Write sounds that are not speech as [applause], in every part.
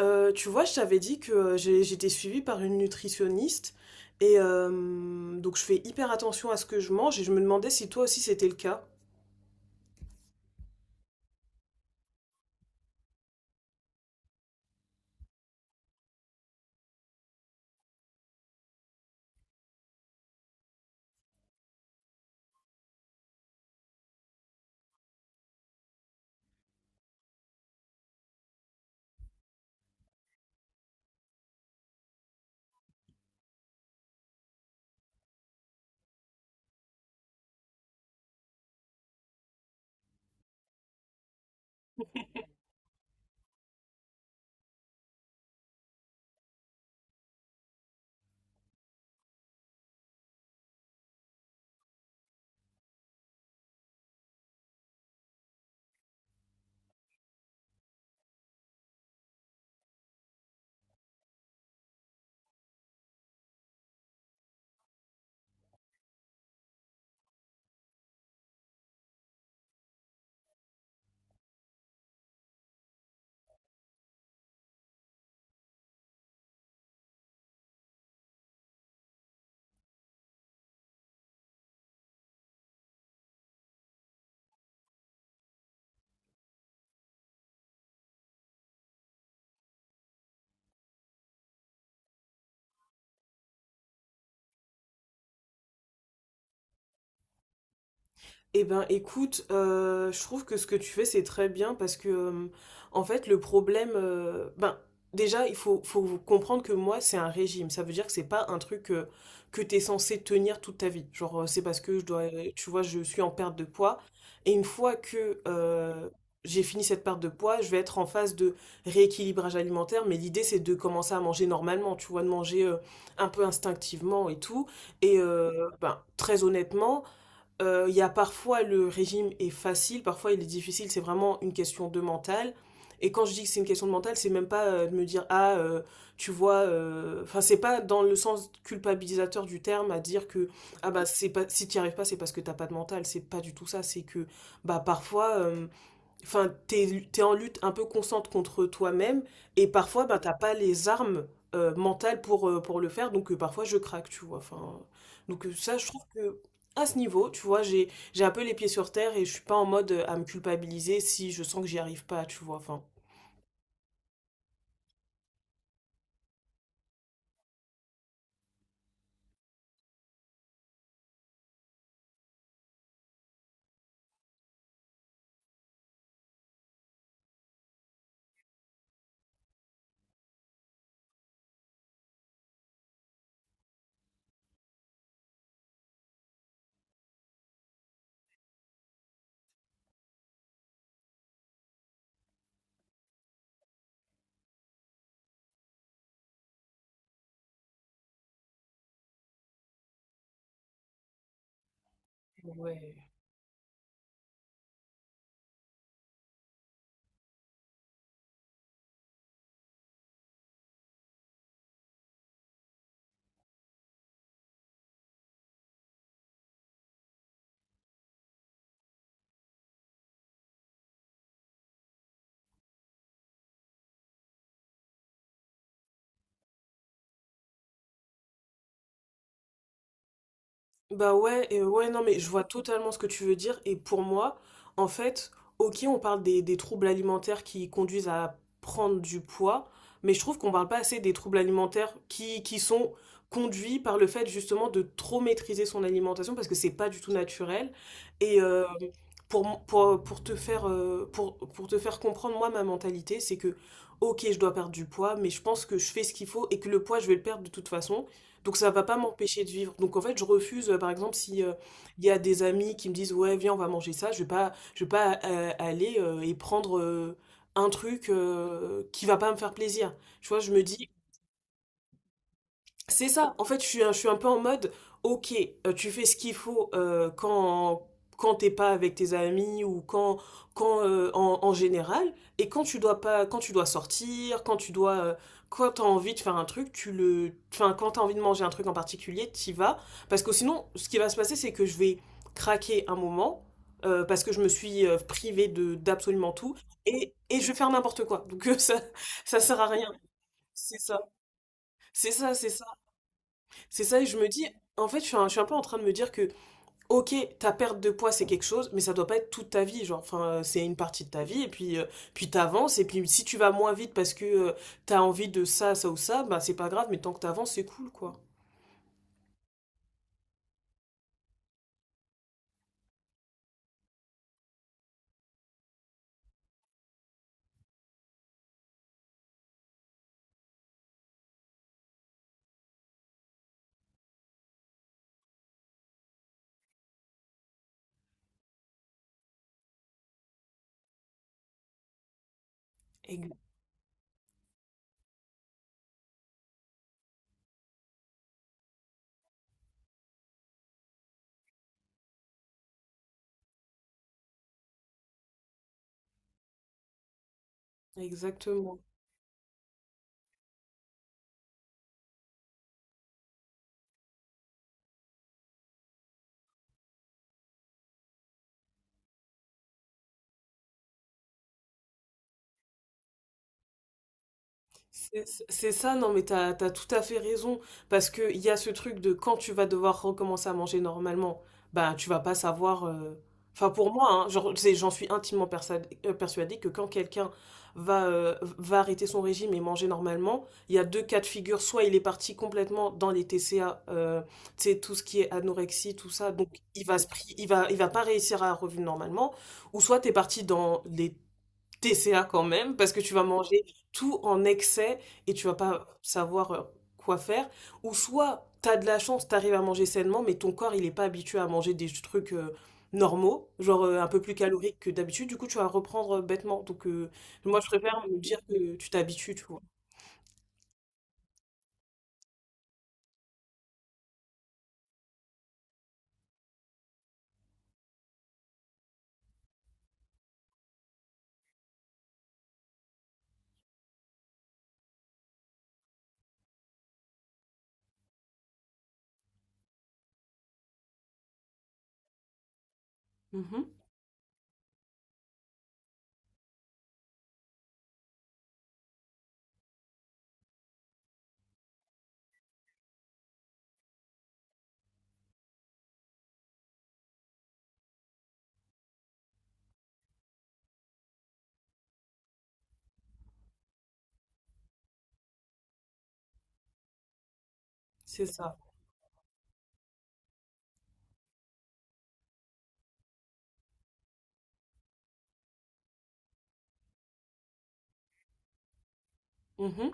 Tu vois, je t'avais dit que j'étais suivie par une nutritionniste et donc je fais hyper attention à ce que je mange et je me demandais si toi aussi c'était le cas. Eh ben, écoute, je trouve que ce que tu fais, c'est très bien parce que, en fait, le problème, ben, déjà, il faut comprendre que moi, c'est un régime. Ça veut dire que c'est pas un truc que tu es censé tenir toute ta vie. Genre, c'est parce que je dois, tu vois, je suis en perte de poids. Et une fois que j'ai fini cette perte de poids, je vais être en phase de rééquilibrage alimentaire. Mais l'idée, c'est de commencer à manger normalement, tu vois, de manger un peu instinctivement et tout. Et, ben, très honnêtement, il y a parfois le régime est facile, parfois il est difficile, c'est vraiment une question de mental. Et quand je dis que c'est une question de mental, c'est même pas de me dire ah tu vois, enfin c'est pas dans le sens culpabilisateur du terme à dire que ah bah c'est pas si t'y arrives pas c'est parce que t'as pas de mental, c'est pas du tout ça, c'est que bah parfois enfin, t'es en lutte un peu constante contre toi-même et parfois, ben, t'as pas les armes mentales pour le faire. Donc, parfois, je craque, tu vois. Enfin, donc, ça, je trouve que à ce niveau, tu vois, j'ai un peu les pieds sur terre et je suis pas en mode à me culpabiliser si je sens que j'y arrive pas, tu vois. Enfin, ouais. Bah ouais, et ouais, non, mais je vois totalement ce que tu veux dire. Et pour moi, en fait, ok, on parle des troubles alimentaires qui conduisent à prendre du poids, mais je trouve qu'on parle pas assez des troubles alimentaires qui sont conduits par le fait justement de trop maîtriser son alimentation parce que c'est pas du tout naturel. Et pour te faire comprendre, moi, ma mentalité, c'est que, ok, je dois perdre du poids, mais je pense que je fais ce qu'il faut et que le poids, je vais le perdre de toute façon. Donc ça va pas m'empêcher de vivre. Donc en fait, je refuse, par exemple, si il y a des amis qui me disent ouais, viens, on va manger ça, je vais pas aller et prendre un truc qui va pas me faire plaisir. Tu vois, je me dis c'est ça. En fait, je suis un peu en mode, ok, tu fais ce qu'il faut quand t'es pas avec tes amis ou quand en général, et quand tu dois pas, quand tu dois sortir, quand t'as envie de faire un truc, enfin, quand t'as envie de manger un truc en particulier, t'y vas, parce que sinon, ce qui va se passer, c'est que je vais craquer un moment, parce que je me suis privée de d'absolument tout et je vais faire n'importe quoi. Donc [laughs] ça sert à rien. C'est ça. C'est ça, c'est ça. C'est ça, et je me dis, en fait, je suis un peu en train de me dire que, ok, ta perte de poids, c'est quelque chose, mais ça doit pas être toute ta vie. Genre, enfin, c'est une partie de ta vie, et puis, puis t'avances, et puis si tu vas moins vite parce que tu t'as envie de ça, ça ou ça, bah c'est pas grave, mais tant que t'avances, c'est cool, quoi. Ex- Exactement. C'est ça, non mais t'as tout à fait raison, parce que il y a ce truc de quand tu vas devoir recommencer à manger normalement, bah tu vas pas savoir, enfin pour moi, hein, genre, j'en suis intimement persuadée que quand quelqu'un va, va arrêter son régime et manger normalement, il y a deux cas de figure, soit il est parti complètement dans les TCA, tu sais, tout ce qui est anorexie, tout ça, donc il va, se pri- il va pas réussir à revenir normalement, ou soit t'es parti dans les TCA quand même, parce que tu vas manger tout en excès et tu vas pas savoir quoi faire. Ou soit t'as de la chance, t'arrives à manger sainement, mais ton corps il est pas habitué à manger des trucs normaux, genre un peu plus caloriques que d'habitude, du coup tu vas reprendre bêtement. Donc moi je préfère me dire que tu t'habitues, tu vois. Mhm, c'est ça. Mhm.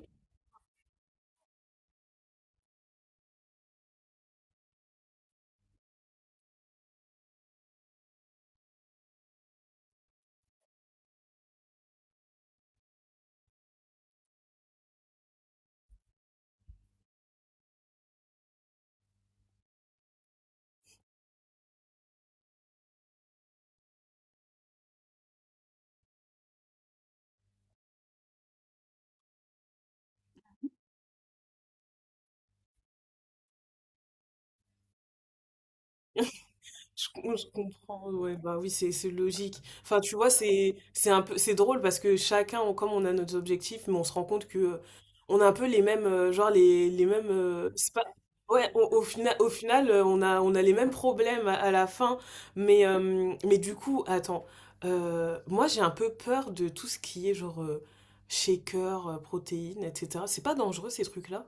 Je comprends, ouais, ouais, bah oui, c'est logique. Enfin, tu vois, c'est un peu, c'est drôle parce que chacun, comme on a nos objectifs, mais on se rend compte que on a un peu les mêmes, genre les mêmes, c'est pas, ouais. Au final, on a les mêmes problèmes à la fin, mais du coup, attends, moi j'ai un peu peur de tout ce qui est genre shaker, protéines, etc. C'est pas dangereux ces trucs-là?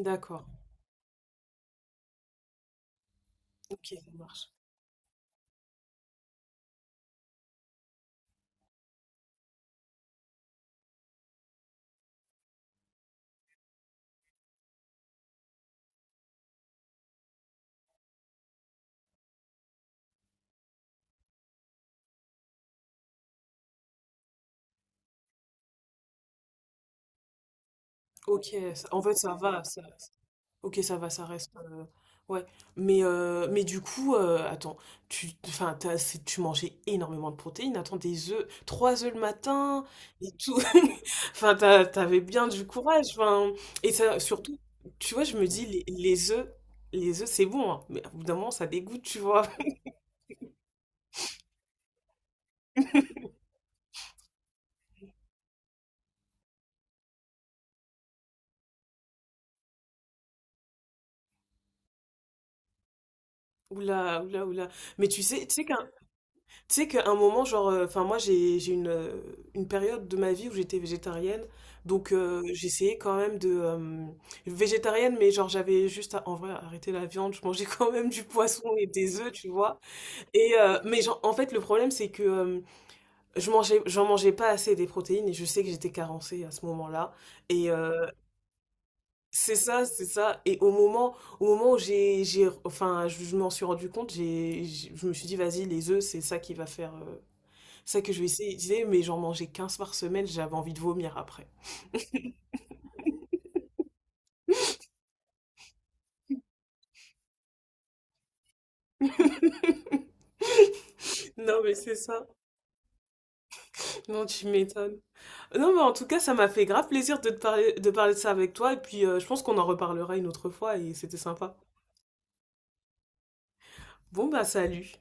D'accord, ok, ça marche. Ok, en fait ça va, ok ça va, ça reste, ouais. Mais du coup, attends, enfin tu mangeais énormément de protéines. Attends, des œufs, trois œufs le matin et tout. [laughs] Enfin t'avais bien du courage. Enfin et ça surtout, tu vois, je me dis les œufs, les œufs c'est bon, hein, mais au bout d'un moment ça dégoûte, tu vois. Oula, oula, oula. Mais tu sais, tu sais qu'à un moment, genre, enfin moi j'ai une période de ma vie où j'étais végétarienne, donc j'essayais quand même de végétarienne, mais genre j'avais juste à, en vrai arrêter la viande, je mangeais quand même du poisson et des œufs, tu vois. Et mais genre, en fait le problème c'est que j'en mangeais pas assez des protéines et je sais que j'étais carencée à ce moment-là. Et euh, c'est ça, c'est ça. Et au moment où enfin, je m'en suis rendu compte, je me suis dit, vas-y, les œufs, c'est ça qui va faire, ça que je vais essayer. Je disais, mais j'en mangeais 15 par semaine, j'avais envie de vomir après. Non, mais c'est ça. Non, tu m'étonnes. Non, mais en tout cas, ça m'a fait grave plaisir de te parler de ça avec toi. Et puis, je pense qu'on en reparlera une autre fois et c'était sympa. Bon, bah, salut.